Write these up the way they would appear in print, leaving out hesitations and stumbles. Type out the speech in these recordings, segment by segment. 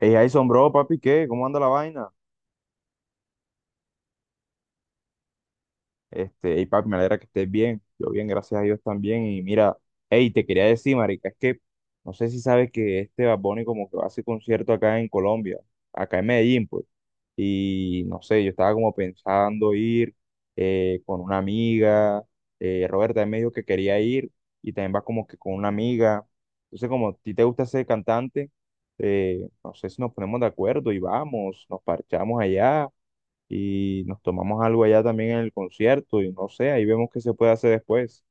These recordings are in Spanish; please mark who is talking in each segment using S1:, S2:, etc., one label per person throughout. S1: Hey, Jason, bro, papi, ¿qué? ¿Cómo anda la vaina? Hey, papi, me alegra que estés bien. Yo bien, gracias a Dios también. Y mira, hey, te quería decir, marica, es que no sé si sabes que este Bad Bunny como que va a hacer concierto acá en Colombia, acá en Medellín, pues. Y no sé, yo estaba como pensando ir con una amiga. Roberta también me dijo que quería ir y también va como que con una amiga. Entonces, como a ti te gusta ser cantante, no sé si nos ponemos de acuerdo y vamos, nos parchamos allá y nos tomamos algo allá también en el concierto y no sé, ahí vemos qué se puede hacer después.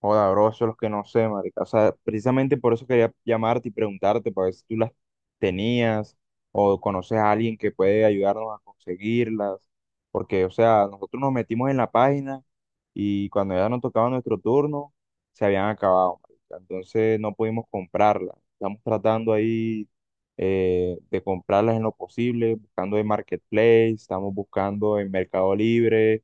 S1: Joda, bro, eso es lo que no sé, marica. O sea, precisamente por eso quería llamarte y preguntarte para ver si tú las tenías o conoces a alguien que puede ayudarnos a conseguirlas. Porque, o sea, nosotros nos metimos en la página y cuando ya nos tocaba nuestro turno, se habían acabado, marica. Entonces no pudimos comprarlas. Estamos tratando ahí de comprarlas en lo posible, buscando en Marketplace, estamos buscando en Mercado Libre,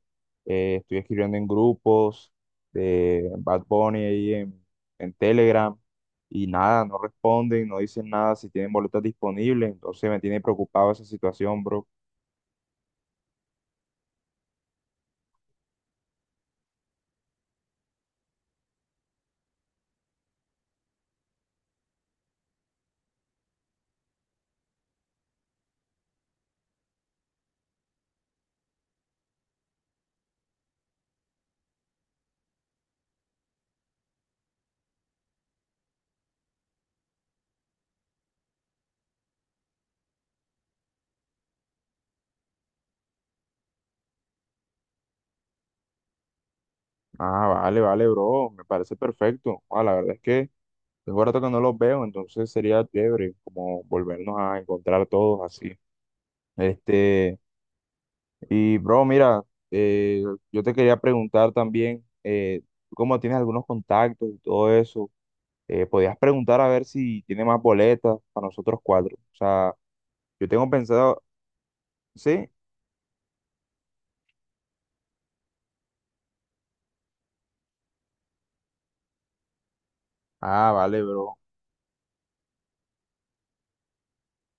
S1: estoy escribiendo en grupos de Bad Bunny ahí en Telegram y nada, no responden, no dicen nada si tienen boletas disponibles, entonces me tiene preocupado esa situación, bro. Ah, vale, vale, bro, me parece perfecto. Ah, la verdad es que tengo rato que no los veo, entonces sería chévere como volvernos a encontrar todos así. Este, y bro, mira, eh, yo te quería preguntar también, tú como tienes algunos contactos y todo eso, podías preguntar a ver si tiene más boletas para nosotros cuatro. O sea, yo tengo pensado, ¿sí? Ah, vale, bro.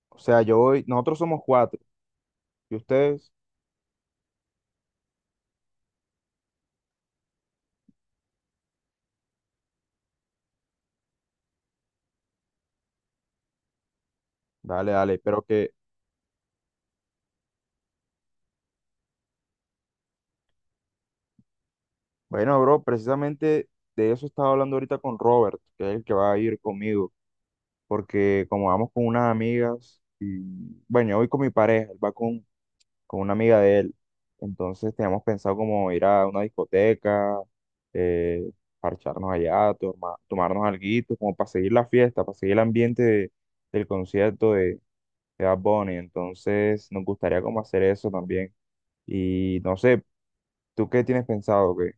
S1: O sea, yo voy, nosotros somos cuatro. ¿Y ustedes? Dale, dale. Pero que, bueno, bro, precisamente de eso estaba hablando ahorita con Robert, que es el que va a ir conmigo. Porque como vamos con unas amigas, y bueno, yo voy con mi pareja, él va con una amiga de él. Entonces teníamos pensado como ir a una discoteca, eh, parcharnos allá, tomarnos alguito, como para seguir la fiesta, para seguir el ambiente del concierto de Bad Bunny. Entonces, nos gustaría como hacer eso también. Y no sé, ¿tú qué tienes pensado? ¿Qué?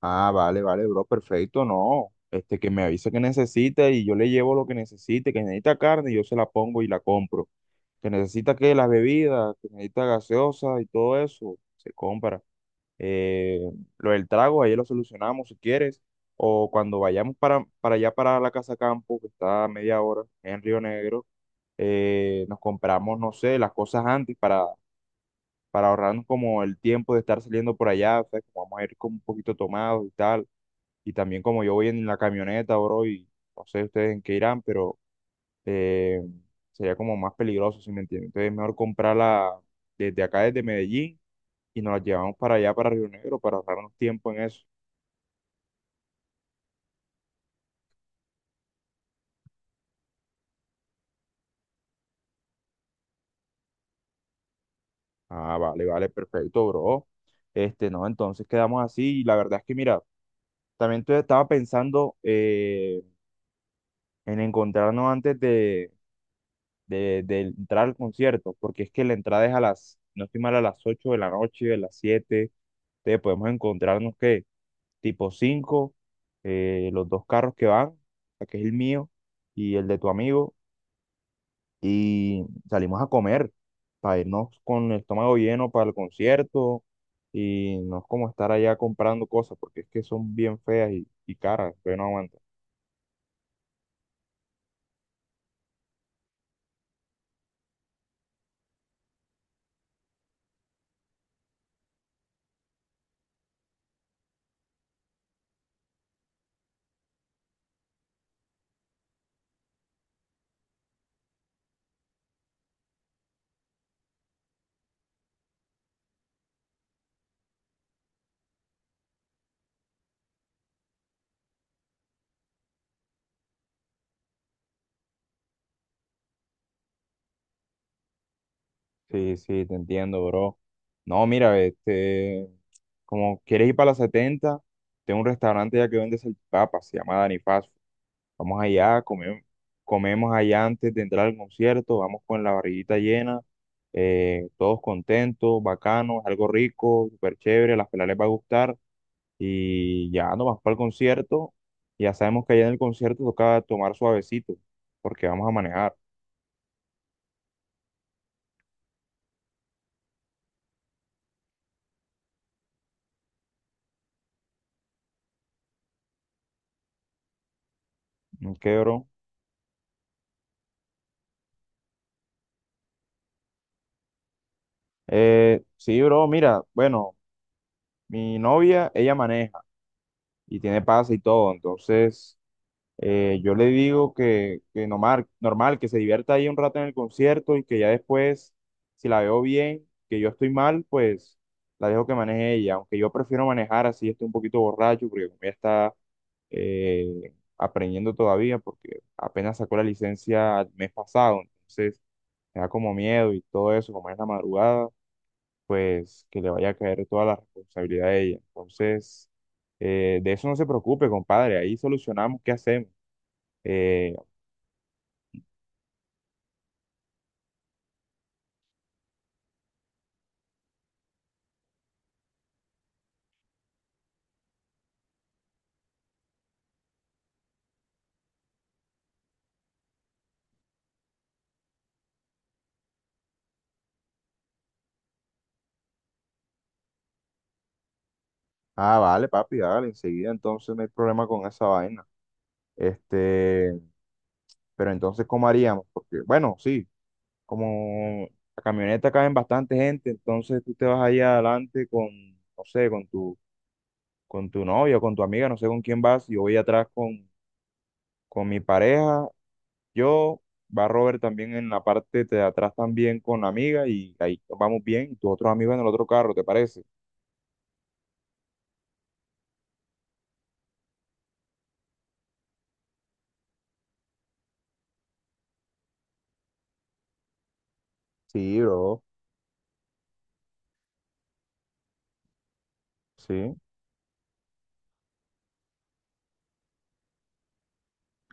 S1: Ah, vale, vale, bro, perfecto, no. Este, que me avisa que necesita y yo le llevo lo que necesite, que necesita carne, yo se la pongo y la compro. Que necesita que las bebidas, que necesita gaseosa y todo eso, se compra. Eh, lo del trago, ahí lo solucionamos si quieres. O cuando vayamos para allá, para la Casa Campo, que está a media hora en Río Negro, nos compramos, no sé, las cosas antes para ahorrarnos como el tiempo de estar saliendo por allá, o sea, que vamos a ir como un poquito tomados y tal, y también como yo voy en la camioneta, bro, y no sé ustedes en qué irán, pero eh, sería como más peligroso, si me entienden, entonces es mejor comprarla desde acá, desde Medellín, y nos la llevamos para allá, para Río Negro, para ahorrarnos tiempo en eso. Ah, vale, vale, perfecto, bro. Este, no, entonces quedamos así, y la verdad es que, mira, también estaba pensando en encontrarnos antes de entrar al concierto, porque es que la entrada es a las, no estoy mal, a las 8 de la noche, a las 7, entonces podemos encontrarnos que tipo 5, los dos carros que van, o sea, que es el mío y el de tu amigo, y salimos a comer para irnos con el estómago lleno para el concierto. Y no es como estar allá comprando cosas, porque es que son bien feas y caras, pero no aguanto. Sí, sí, te entiendo, bro. No, mira, este, como quieres ir para la setenta, tengo un restaurante ya que vende salchipapas, se llama Dani Fast Food. Vamos allá, comemos, comemos allá antes de entrar al concierto, vamos con la barriguita llena, todos contentos, bacanos, algo rico, súper chévere, a las pelas les va a gustar y ya nos vamos para el concierto. Ya sabemos que allá en el concierto toca tomar suavecito, porque vamos a manejar. ¿Qué, bro? Sí, bro, mira, bueno. Mi novia, ella maneja y tiene pase y todo, entonces yo le digo que normal, normal, que se divierta ahí un rato en el concierto y que ya después, si la veo bien, que yo estoy mal, pues la dejo que maneje ella, aunque yo prefiero manejar así, estoy un poquito borracho, porque como ella está aprendiendo todavía, porque apenas sacó la licencia el mes pasado, entonces me da como miedo y todo eso, como es la madrugada, pues que le vaya a caer toda la responsabilidad a ella. Entonces, de eso no se preocupe, compadre, ahí solucionamos qué hacemos. Eh, ah, vale, papi, dale, enseguida entonces no hay problema con esa vaina. Este, pero entonces, ¿cómo haríamos? Porque, bueno, sí, como la camioneta caben bastante gente, entonces tú te vas allá adelante con, no sé, con tu novia, con tu amiga, no sé con quién vas, y yo voy atrás con mi pareja. Yo, va Robert también en la parte de atrás también con la amiga y ahí vamos bien. Y tus otros amigos en el otro carro, ¿te parece? Sí, bro. Sí.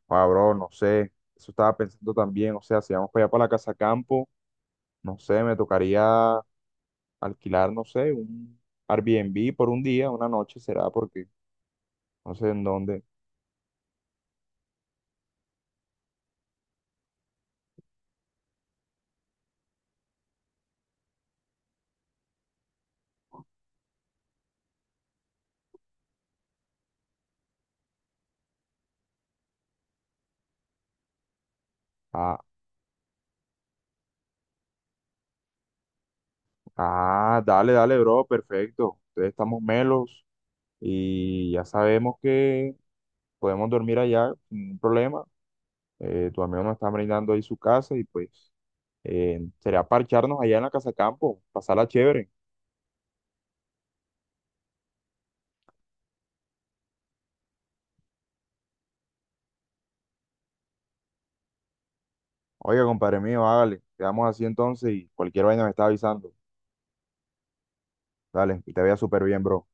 S1: Ah, bro, no sé. Eso estaba pensando también. O sea, si vamos para allá para la casa campo, no sé, me tocaría alquilar, no sé, un Airbnb por un día, una noche será, porque no sé en dónde. Ah, ah, dale, dale, bro, perfecto. Ustedes estamos melos y ya sabemos que podemos dormir allá sin ningún problema. Tu amigo nos está brindando ahí su casa y pues sería parcharnos allá en la casa campo, pasarla chévere. Oiga, compadre mío, hágale. Quedamos así entonces y cualquier vaina me está avisando. Dale, que te vea súper bien, bro.